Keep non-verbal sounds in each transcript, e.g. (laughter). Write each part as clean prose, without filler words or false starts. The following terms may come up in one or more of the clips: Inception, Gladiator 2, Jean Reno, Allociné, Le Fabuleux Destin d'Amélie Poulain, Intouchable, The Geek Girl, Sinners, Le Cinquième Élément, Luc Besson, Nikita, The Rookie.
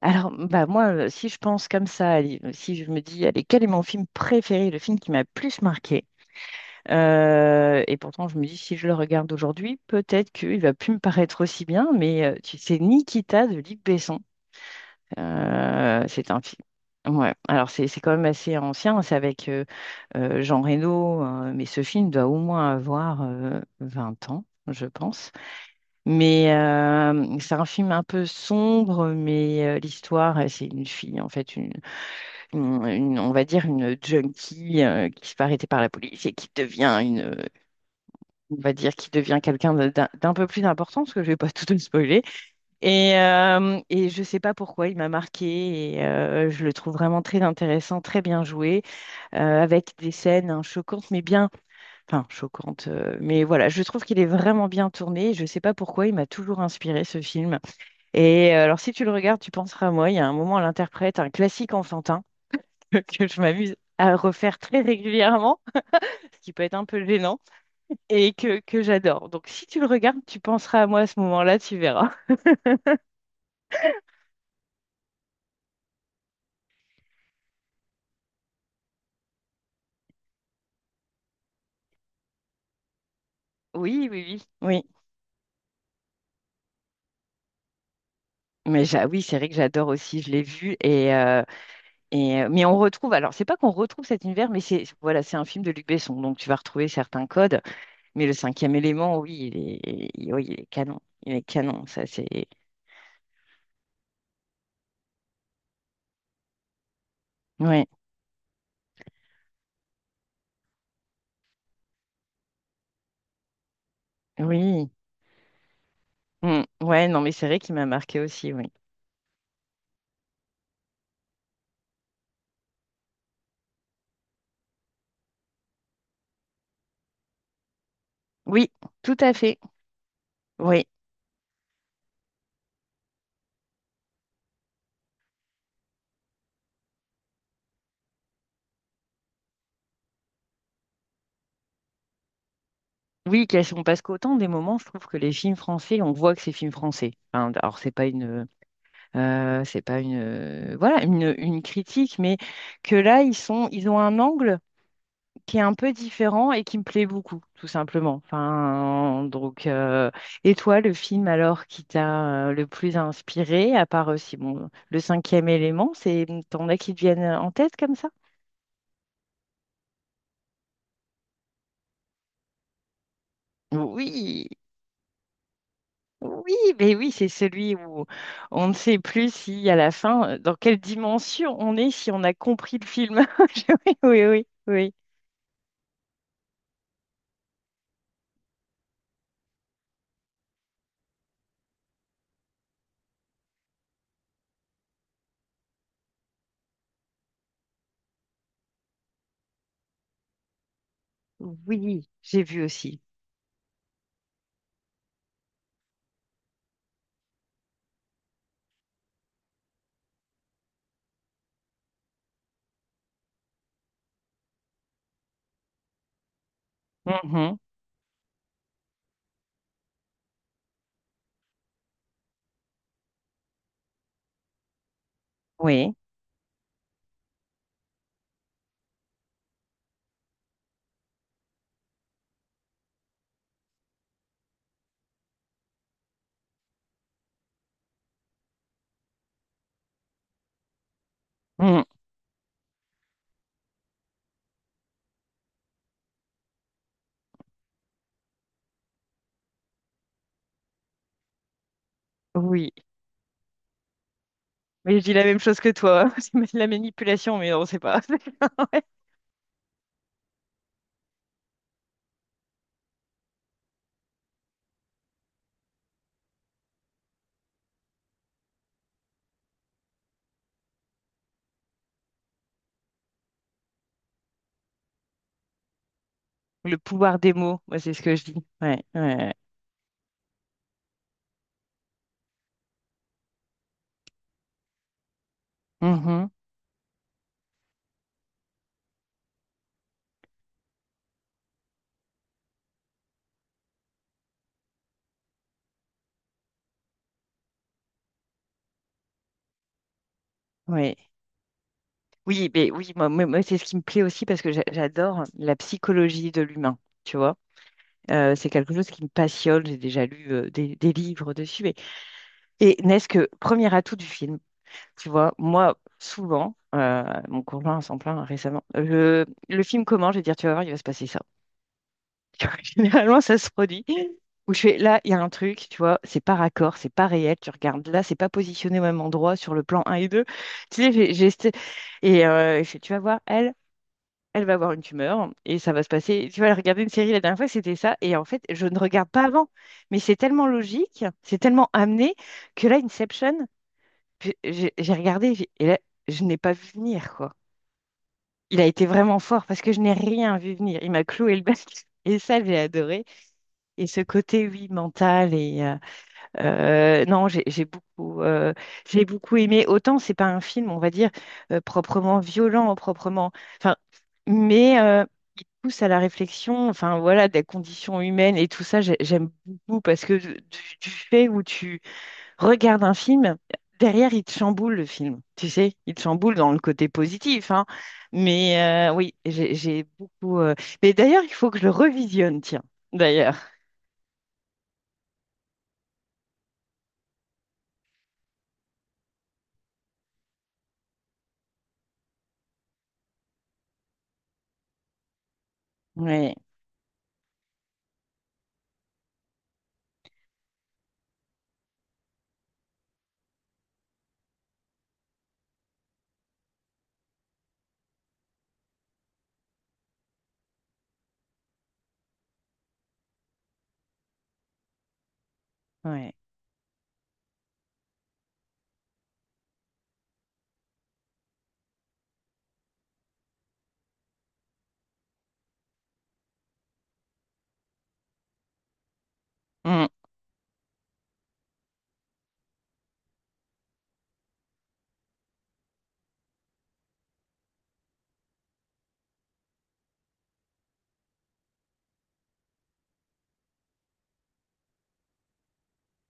Alors, bah moi, si je pense comme ça, allez, si je me dis, allez, quel est mon film préféré, le film qui m'a le plus marqué, et pourtant je me dis, si je le regarde aujourd'hui, peut-être qu'il va plus me paraître aussi bien, mais tu sais, Nikita de Luc Besson. C'est un film. Ouais, alors c'est quand même assez ancien, c'est avec Jean Reno, mais ce film doit au moins avoir 20 ans, je pense. Mais c'est un film un peu sombre, mais l'histoire, c'est une fille, en fait, on va dire une junkie qui se fait arrêter par la police et qui devient on va dire, qui devient quelqu'un d'un peu plus important, parce que je vais pas (laughs) tout te spoiler. Et je sais pas pourquoi il m'a marqué et je le trouve vraiment très intéressant, très bien joué, avec des scènes hein, choquantes, mais bien, enfin choquantes, mais voilà, je trouve qu'il est vraiment bien tourné. Je sais pas pourquoi il m'a toujours inspiré ce film. Et alors, si tu le regardes, tu penseras à moi. Il y a un moment, l'interprète, un classique enfantin (laughs) que je m'amuse à refaire très régulièrement, ce qui peut être un peu gênant, et que j'adore. Donc, si tu le regardes, tu penseras à moi à ce moment-là, tu verras. (laughs) Oui, oui, oui. Oui. Mais oui, c'est vrai que j'adore aussi, je l'ai vu. Mais on retrouve, alors c'est pas qu'on retrouve cet univers, mais c'est voilà, c'est un film de Luc Besson, donc tu vas retrouver certains codes. Mais le cinquième élément, oui, il est canon. Il est canon, ça c'est. Ouais, oui. Mm. Ouais, non, mais c'est vrai qu'il m'a marqué aussi, oui. Oui, tout à fait. Oui, oui, parce qu'autant des moments, je trouve que les films français, on voit que c'est films français. Enfin, alors, c'est pas une, voilà, une critique, mais que là, ils sont, ils ont un angle qui est un peu différent et qui me plaît beaucoup, tout simplement. Enfin, donc, et toi, le film alors qui t'a le plus inspiré, à part aussi, bon, le cinquième élément, c'est, t'en as qui te viennent en tête comme ça? Oui. Oui, mais oui, c'est celui où on ne sait plus si à la fin, dans quelle dimension on est, si on a compris le film. (laughs) Je- Oui, oui, oui, oui. Oui, j'ai vu aussi. Mhm, oui, mhm, oui. Mais je dis la même chose que toi. (laughs) C'est de la manipulation, mais on sait pas. (laughs) Ouais. Le pouvoir des mots, moi, c'est ce que je dis. Ouais, ouais. Mhm, ouais. Oui, mais oui, moi, c'est ce qui me plaît aussi parce que j'adore la psychologie de l'humain, tu vois. C'est quelque chose qui me passionne. J'ai déjà lu des livres dessus. Et n'est-ce que premier atout du film, tu vois, moi, souvent, mon conjoint s'en plaint récemment, le film commence, je vais dire, tu vas voir, il va se passer ça. Tu vois, (laughs) généralement, ça se produit. Où je fais, là, il y a un truc, tu vois, c'est pas raccord, c'est pas réel, tu regardes, là, c'est pas positionné au même endroit sur le plan un et deux. Tu sais, j'ai Et je fais, tu vas voir, elle, elle va avoir une tumeur et ça va se passer. Tu vois, elle regardait une série la dernière fois, c'était ça. Et en fait, je ne regarde pas avant. Mais c'est tellement logique, c'est tellement amené que là, Inception, puis j'ai regardé et là, je n'ai pas vu venir, quoi. Il a été vraiment fort parce que je n'ai rien vu venir. Il m'a cloué le bec. (laughs) Et ça, j'ai adoré. Et ce côté, oui, mental et, non, j'ai beaucoup, j'ai beaucoup aimé. Autant c'est pas un film, on va dire, proprement violent, proprement. Enfin, mais il pousse à la réflexion. Enfin, voilà, des conditions humaines et tout ça, j'aime beaucoup parce que du fait où tu regardes un film, derrière, il te chamboule le film. Tu sais, il te chamboule dans le côté positif, hein. Mais oui, j'ai beaucoup. Mais d'ailleurs, il faut que je le revisionne, tiens. D'ailleurs, oui, oui.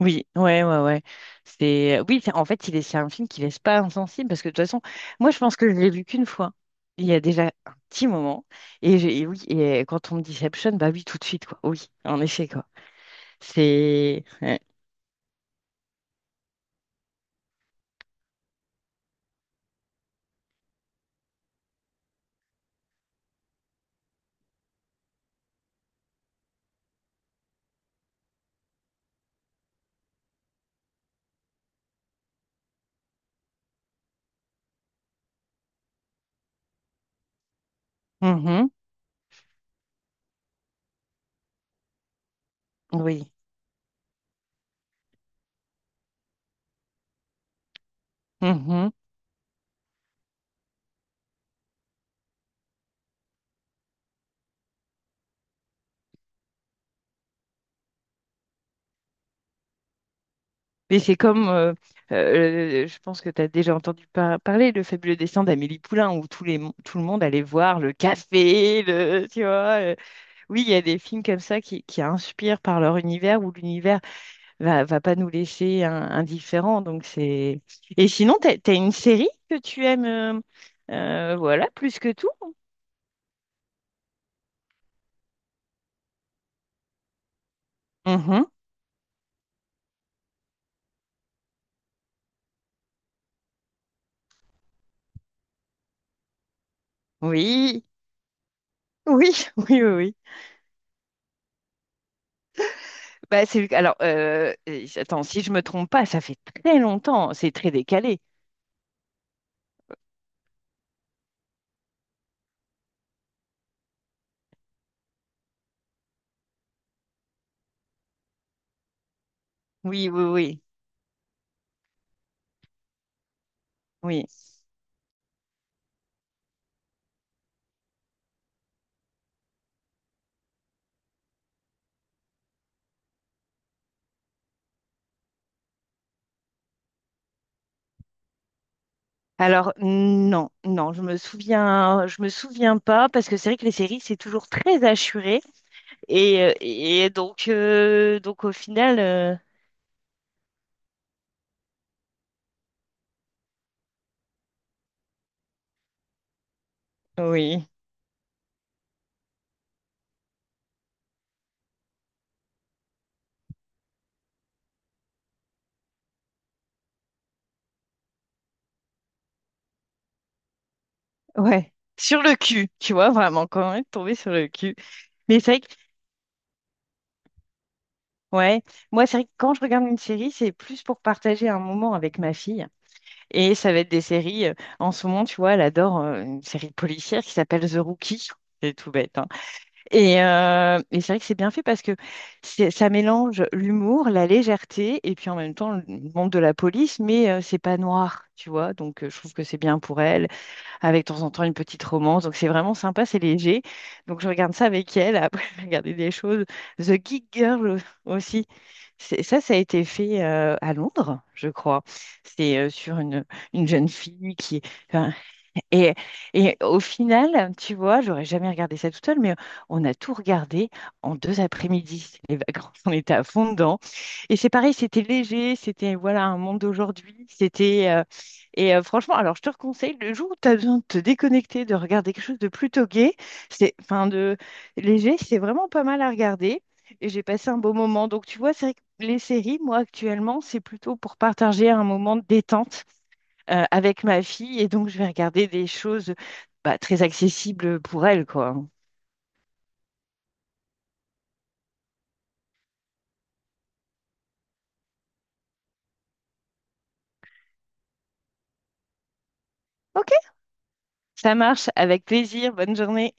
Oui, ouais, ouais, ouais. C'est oui, en fait, il est c'est un film qui laisse pas insensible parce que de toute façon, moi, je pense que je l'ai vu qu'une fois. Il y a déjà un petit moment et oui, et quand on me dit Inception, bah oui, tout de suite quoi. Oui, en effet quoi. C'est ouais. Mhm. Oui. Mhm. Mais c'est comme je pense que tu as déjà entendu parler le fabuleux destin d'Amélie Poulain où tout le monde allait voir le café, le tu vois. Oui, il y a des films comme ça qui inspirent par leur univers ou l'univers va pas nous laisser indifférents. Donc c'est... Et sinon, t'as une série que tu aimes, voilà, plus que tout? Mhm. Oui, oui, (laughs) oui, oui, oui. Bah, c'est, alors, attends, si je me trompe pas, ça fait très longtemps, c'est très décalé. Oui, oui, oui, oui. Alors, non, non, je me souviens pas, parce que c'est vrai que les séries, c'est toujours très assuré. Et donc au final, oui. Ouais, sur le cul, tu vois, vraiment, quand même tombé sur le cul. Mais c'est vrai que, ouais, moi, c'est vrai que quand je regarde une série, c'est plus pour partager un moment avec ma fille. Et ça va être des séries, en ce moment, tu vois, elle adore une série policière qui s'appelle The Rookie. C'est tout bête, hein. Et c'est vrai que c'est bien fait parce que ça mélange l'humour, la légèreté et puis en même temps le monde de la police, mais c'est pas noir, tu vois. Donc je trouve que c'est bien pour elle, avec de temps en temps une petite romance. Donc c'est vraiment sympa, c'est léger. Donc je regarde ça avec elle. Après, (laughs) je vais regarder des choses. The Geek Girl aussi. Ça, ça a été fait à Londres, je crois. C'est sur une jeune fille qui, est, enfin, et, et au final, tu vois, j'aurais jamais regardé ça toute seule, mais on a tout regardé en deux après-midi. (laughs) C'était les vacances, (laughs) on était à fond dedans. Et c'est pareil, c'était léger, c'était voilà un monde d'aujourd'hui. C'était et Franchement, alors je te conseille le jour où tu as besoin de te déconnecter, de regarder quelque chose de plutôt gai, c'est enfin de léger, c'est vraiment pas mal à regarder. Et j'ai passé un beau moment. Donc tu vois, c'est vrai que les séries, moi actuellement, c'est plutôt pour partager un moment de détente avec ma fille et donc je vais regarder des choses bah, très accessibles pour elle, quoi. Ok, ça marche, avec plaisir. Bonne journée.